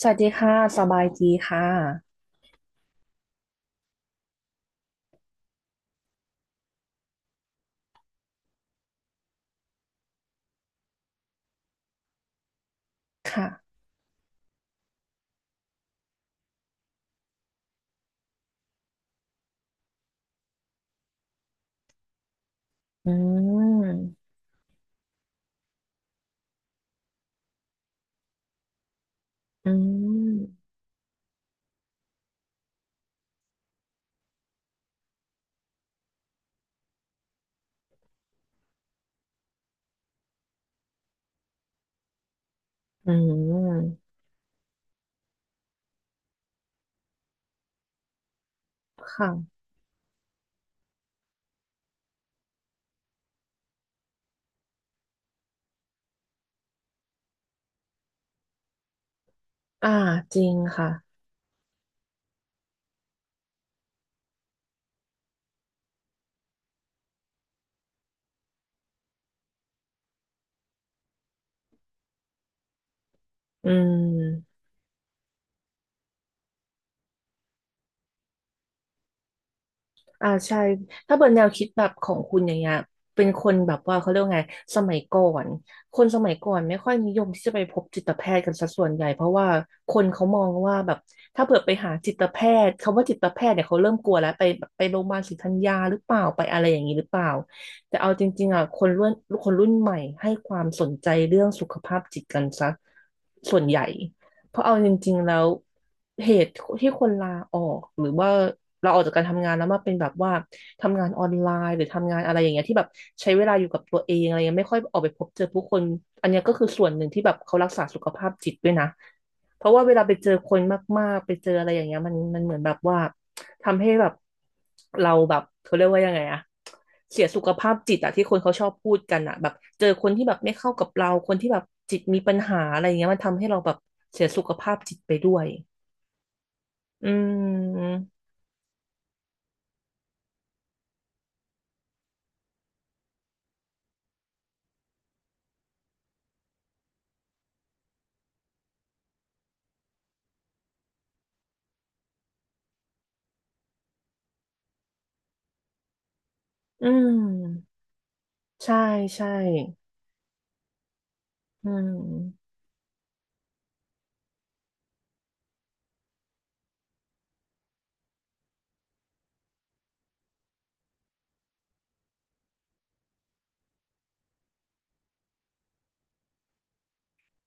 สวัสดีค่ะสบายดีค่ะค่ะอืมอืมอืมค่ะอ่าจริงค่ะอืม อ่าใช่ถ้าเปิดแนวคิดแบบของคุณอย่างเงี้ยเป็นคนแบบว่าเขาเรียกว่าไงสมัยก่อนคนสมัยก่อนไม่ค่อยนิยมที่จะไปพบจิตแพทย์กันสัดส่วนใหญ่เพราะว่าคนเขามองว่าแบบถ้าเผื่อไปหาจิตแพทย์คำว่าจิตแพทย์เนี่ยเขาเริ่มกลัวแล้วไปโรงพยาบาลศรีธัญญาหรือเปล่าไปอะไรอย่างนี้หรือเปล่าแต่เอาจริงๆอ่ะคนรุ่นใหม่ให้ความสนใจเรื่องสุขภาพจิตกันซะส่วนใหญ่ เพราะเอาจริงๆแล้วเหตุที่คนลาออกหรือว่าเราออกจากการทำงานแล้วมาเป็นแบบว่าทำงานออนไลน์หรือทำงานอะไรอย่างเงี้ยที่แบบใช้เวลาอยู่กับตัวเองอะไรเงี้ยไม่ค่อยออกไปพบเจอผู้คนอันเนี้ยก็คือส่วนหนึ่งที่แบบเขารักษาสุขภาพจิตด้วยนะเพราะว่าเวลาไปเจอคนมากๆไปเจออะไรอย่างเงี้ยมันเหมือนแบบว่า ทำให้แบบเราแบบเขาเรียกว่ายังไงอะเสียสุขภาพจิตอะที่คนเขาชอบพูดกันอะแบบเจอคนที่แบบไม่เข้ากับเราคนที่แบบจิตมีปัญหาอะไรอย่างเงี้ยมันทำให้เราแบบเสียสุขภาพจิตไปด้วยอืมอืมใช่ใช่อืม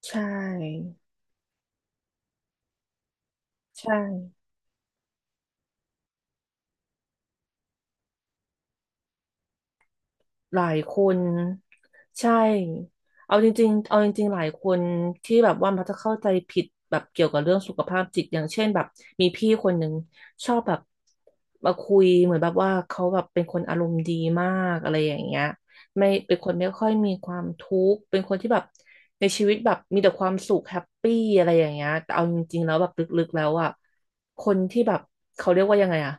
ใช่ใช่ หลายคนใช่เอาจริงๆเอาจริงๆหลายคนที่แบบว่ามักจะเข้าใจผิดแบบเกี่ยวกับเรื่องสุขภาพจิตอย่างเช่นแบบมีพี่คนหนึ่งชอบแบบมาคุยเหมือนแบบว่าเขาแบบเป็นคนอารมณ์ดีมากอะไรอย่างเงี้ยไม่เป็นคนไม่ค่อยมีความทุกข์เป็นคนที่แบบในชีวิตแบบมีแต่ความสุขแฮปปี้อะไรอย่างเงี้ยแต่เอาจริงๆแล้วแบบลึกๆแล้วอ่ะคนที่แบบเขาเรียกว่ายังไงอะ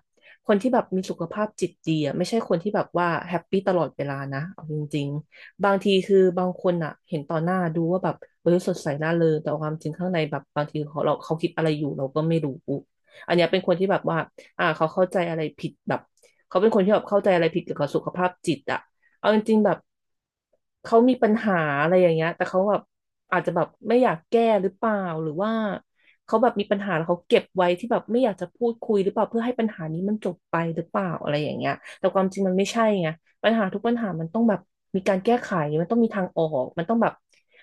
คนที่แบบมีสุขภาพจิตดีอะไม่ใช่คนที่แบบว่าแฮปปี้ตลอดเวลานะเอาจริงๆบางทีคือบางคนอะเห็นต่อหน้าดูว่าแบบเออสดใสน่าเริงแต่ความจริงข้างในแบบบางทีเขาเราเขาคิดอะไรอยู่เราก็ไม่รู้อันเนี้ยเป็นคนที่แบบว่าอ่าเขาเข้าใจอะไรผิดแบบเขาเป็นคนที่แบบเข้าใจอะไรผิดเกี่ยวกับสุขภาพจิตอะ เอาจริงๆแบบเขามีปัญหาอะไรอย่างเงี้ยแต่เขาแบบอาจจะแบบไม่อยากแก้หรือเปล่าหรือว่าเขาแบบมีปัญหาแล้วเขาเก็บไว้ที่แบบไม่อยากจะพูดคุยหรือเปล่าเพื่อให้ปัญหานี้มันจบไปหรือเปล่าอะไรอย่างเงี้ยแต่ความจริงมันไม่ใช่ไงปัญหาทุกปัญหามันต้องแบบมีการแก้ไขมันต้องมีทางออกมันต้องแบบ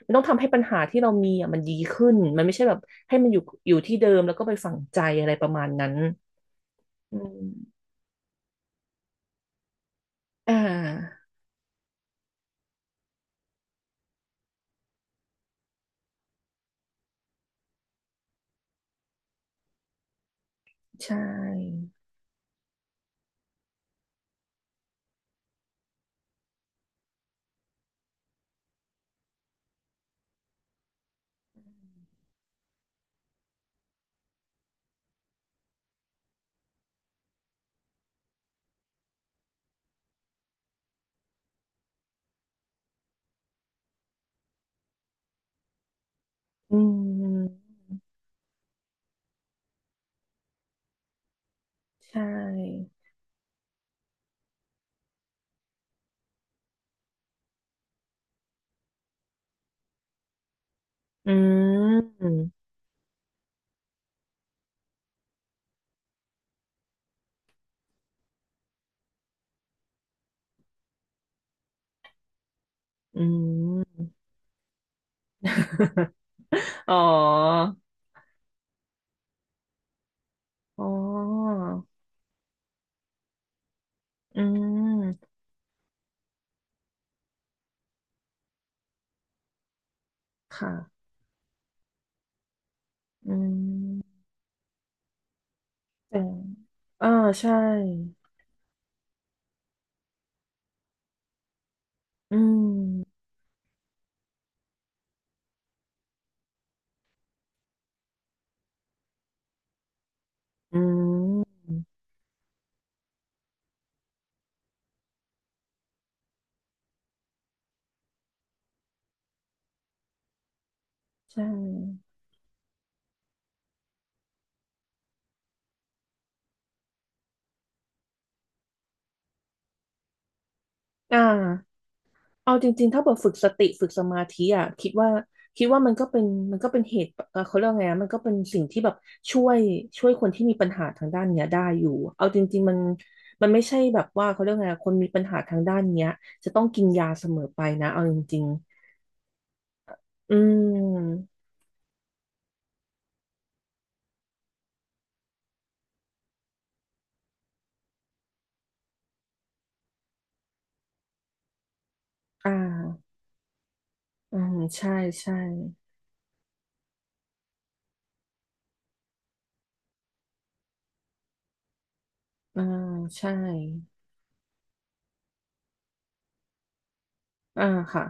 มันต้องทำให้ปัญหาที่เรามีอ่ะมันดีขึ้นมันไม่ใช่แบบให้มันอยู่ที่เดิมแล้วก็ไปฝังใจอะไรประมาณนั้นอืมอ่าใช่อืมใช่ อืมอืม อ๋ออ๋ออืมค่ะอืมแต่เอ่าใช่อืมอืมใช่อ่า เอาจริงๆถ้าเกิดฝึกสติฝึกสมาธิอ่ะคิดว่ามันก็เป็นเหตุเขาเรียกว่าไงอะมันก็เป็นสิ่งที่แบบช่วยคนที่มีปัญหาทางด้านเนี้ยได้อยู่เอาจริงๆมันไม่ใช่แบบว่าเขาเรียกว่าไงอะคนมีปัญหาทางด้านเนี้ยจะต้องกินยาเสมอไปนะเอาจริงๆอืมอ่าอืมใช่ใช่อ่าใช่อ่าค่ะ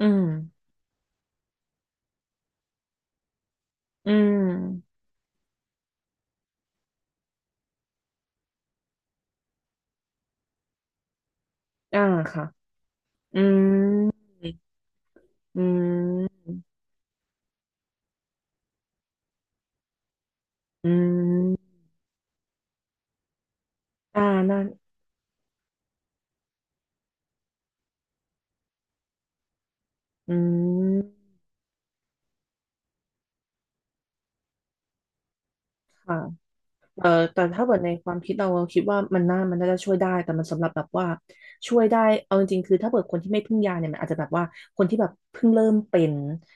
อืมอืมอ่าค่ะอืมอืมอืมอ่าน่น อืมค่ะ เอ่อแต่ถ้าเกิดในความคิดเราเราคิดว่ามันน่าจะช่วยได้แต่มันสำหรับแบบว่าช่วยได้เอาจริงๆคือถ้าเกิดคนที่ไม่พึ่งยาเนี่ยมันอาจจะแบบว่าคนที่แบบเพิ่งเริ่มเป็น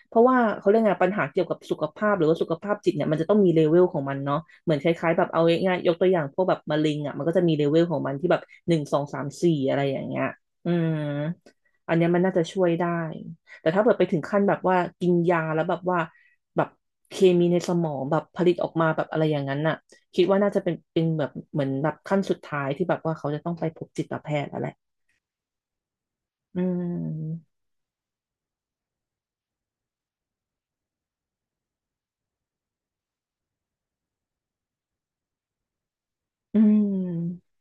เพราะว่าเขาเรียกไงปัญหาเกี่ยวกับสุขภาพหรือว่าสุขภาพจิตเนี่ยมันจะต้องมีเลเวลของมันเนาะเหมือนคล้ายๆแบบเอาง่ายๆยกตัวอย่างพวกแบบมะเร็งอ่ะมันก็จะมีเลเวลของมันที่แบบหนึ่งสองสามสี่อะไรอย่างเงี้ยอืมอันเนี้ยมันน่าจะช่วยได้แต่ถ้าเกิดไปถึงขั้นแบบว่ากินยาแล้วแบบว่าแบบเคมีในสมองแบบผลิตออกมาแบบอะไรอย่างนั้นน่ะ คิดว่าน่าจะเป็นแบบเหมือนแบบขั้นสุดท้ายที่แบบว่าเขาจะต้องไปพบจิตแพทย์แล้วแหละ อืม อืม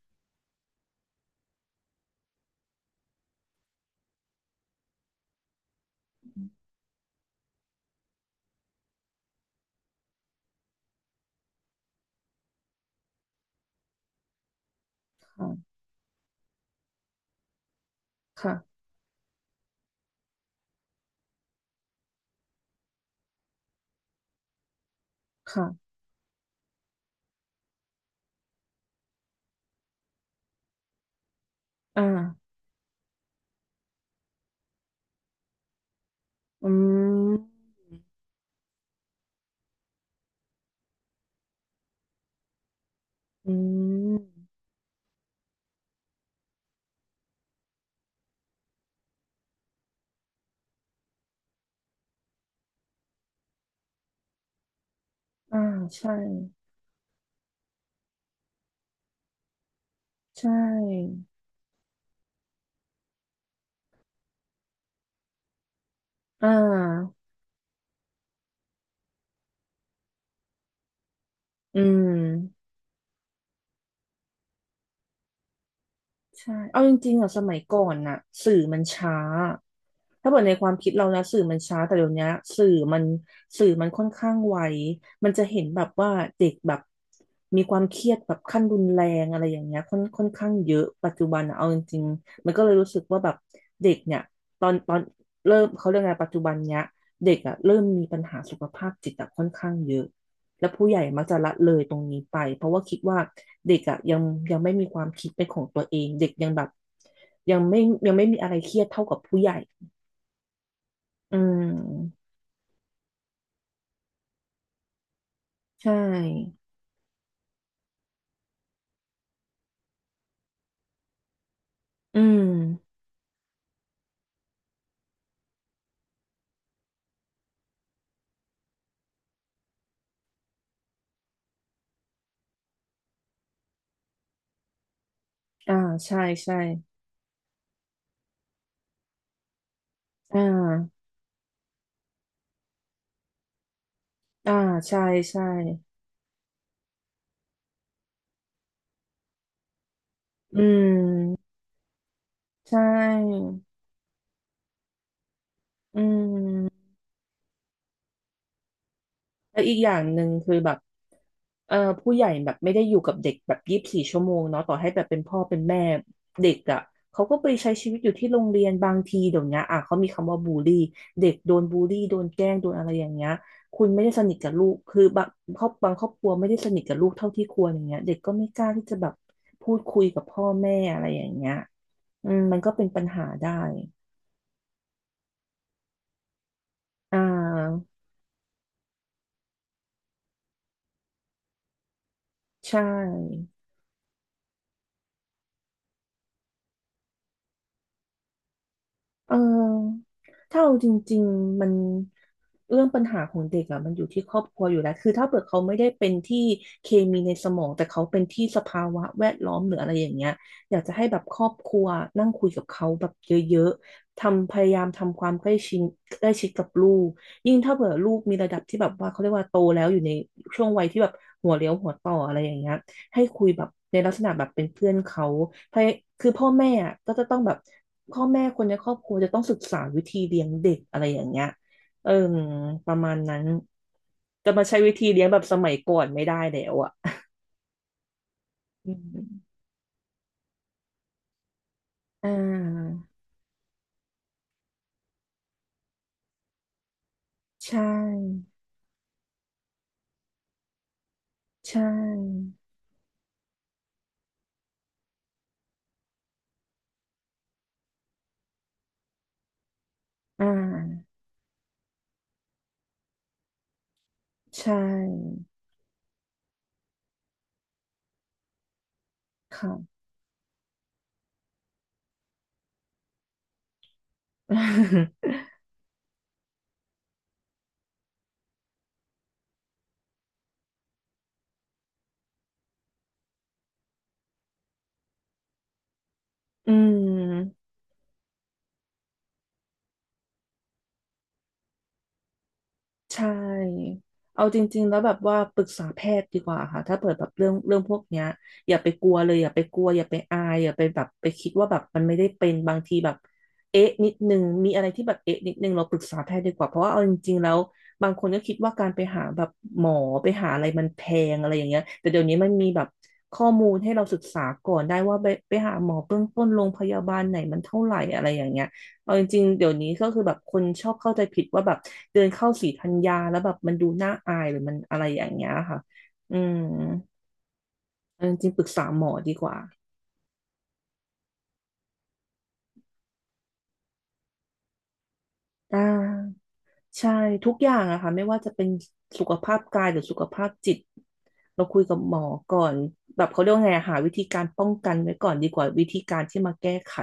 ค่ะ ค่ะค่ะอ่าอืม อืม อ่าใช่ ใช่ อ่าอืม ใช่เอาจริงๆอ่ะสมัยก่อนน่ะสื่อมันช้าถ้าเกิดในความคิดเรานะสื่อมันช้าแต่เดี๋ยวนี้สื่อมันสื่อมันค่อนข้างไวมันจะเห็นแบบว่าเด็กแบบมีความเครียดแบบขั้นรุนแรงอะไรอย่างเงี้ยค่อนข้างเยอะปัจจุบันอะเอาจริงๆมันก็เลยรู้สึกว่าแบบเด็กเนี่ยตอนเริ่มเขาเรียกไงปัจจุบันเนี้ยเด็กอ่ะเริ่มมีปัญหาสุขภาพจิตอะค่อนข้างเยอะ และผู้ใหญ่มักจะละเลยตรงนี้ไปเพราะว่าคิดว่าเด็กอ่ะยังไม่มีความคิดเป็นของตัวเองเด็กยังแบบยังไม่ยังไม่มีอะไรเครียดเท่ากับผู้ใหญ่อืมใช่อืมอ่าใช่ใช่อ่าอ่าใช่ใช่อืมใช่อืม แล้วอีกอย่างหนึ่งคือแบบเอ่อผู้ใหญ่แบบไม่ได้อยู่กับเด็กแบบ24 ชั่วโมงเนาะต่อให้แบบเป็นพ่อเป็นแม่เด็กอ่ะเขาก็ไปใช้ชีวิตอยู่ที่โรงเรียนบางทีเดี๋ยวนี้อ่ะเขามีคำว่าบูลลี่เด็กโดนบูลลี่โดนแกล้งโดนอะไรอย่างเงี้ยคุณไม่ได้สนิทกับลูกคือบางครอบครัวไม่ได้สนิทกับลูกเท่าที่ควรอย่างเงี้ยเด็กก็ไม่กล้าที่จะแบบพูดคุยกับพ่อแม่อะไรอย่างเงี้ยอืมมันก็เป็นปัญหาได้อ่าใช่ เออถ้าเอาจริงๆมันเรื่องปัญหาของเด็กอ่ะมันอยู่ที่ครอบครัวอยู่แล้วคือถ้าเกิดเขาไม่ได้เป็นที่เคมีในสมองแต่เขาเป็นที่สภาวะแวดล้อมหรืออะไรอย่างเงี้ยอยากจะให้แบบครอบครัวนั่งคุยกับเขาแบบเยอะๆทำพยายามทำความใกล้ชิดใกล้ชิดกับลูกยิ่งถ้าเกิดลูกมีระดับที่แบบว่าเขาเรียกว่าโตแล้วอยู่ในช่วงวัยที่แบบหัวเลี้ยวหัวต่ออะไรอย่างเงี้ย ให้คุยแบบในลักษณะแบบเป็นเพื่อนเขาพยคือพ่อแม่อะก็จะต้องแบบพ่อแม่คนในครอบครัวจะต้องศึกษาวิธีเลี้ยงเด็กอะไรอย่างเงี้ยเออประมาณนั้น จะมาใช้วิธีเลี้ยงแบบสมัยก่อนไม่ได้แล้วอ่ะอืมอ่าใช่ ใช่ อ่าใช่ ค่ะ อืม ใช่เอาจริงๆแล้วแบบว่าปรึกษาแพทย์ดีกว่าค่ะถ้าเปิดแบบเรื่องพวกเนี้ยอย่าไปกลัวเลยอย่าไปกลัวอย่าไปอายอย่าไปแบบไปคิดว่าแบบมันไม่ได้เป็นบางทีแบบเอ๊ะนิดนึงมีอะไรที่แบบเอ๊ะนิดนึงเราปรึกษาแพทย์ดีกว่าเพราะว่าเอาจริงๆแล้วบางคนก็คิดว่าการไปหาแบบหมอไปหาอะไรมันแพงอะไรอย่างเงี้ยแต่เดี๋ยวนี้มันมีแบบข้อมูลให้เราศึกษาก่อนได้ว่าไปหาหมอเบื้องต้นโรงพยาบาลไหนมันเท่าไหร่อะไรอย่างเงี้ย เอาจริงๆ เดี๋ยวนี้ก็คือแบบคนชอบเข้าใจผิดว่าแบบเดินเข้าศรีธัญญาแล้วแบบมันดูน่าอายหรือมันอะไรอย่างเงี้ยค่ะ อืมเอาจริงๆปรึกษาหมอดีกว่าอ่าใช่ทุกอย่างอะค่ะไม่ว่าจะเป็นสุขภาพกายหรือสุขภาพจิตเราคุยกับหมอก่อนแบบเขาเรียกว่าไงอะหาวิธีการป้องกันไว้ก่อนดีกว่าวิธีการที่มาแก้ไข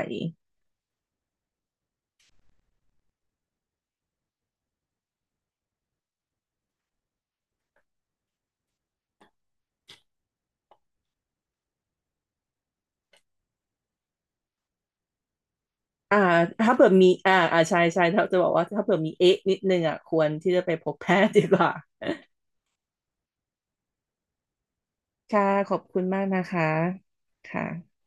อ่าถ้าเผื่อมีอ่าอ่าใช่ใช่ถ้าจะบอกว่าถ้าเผื่อมีเอ๊ะนิดนึงอ่ะควรที่จะไปพบแพทย์ดีกว่า ค่ะขอบคุณมากนะคะค่ะ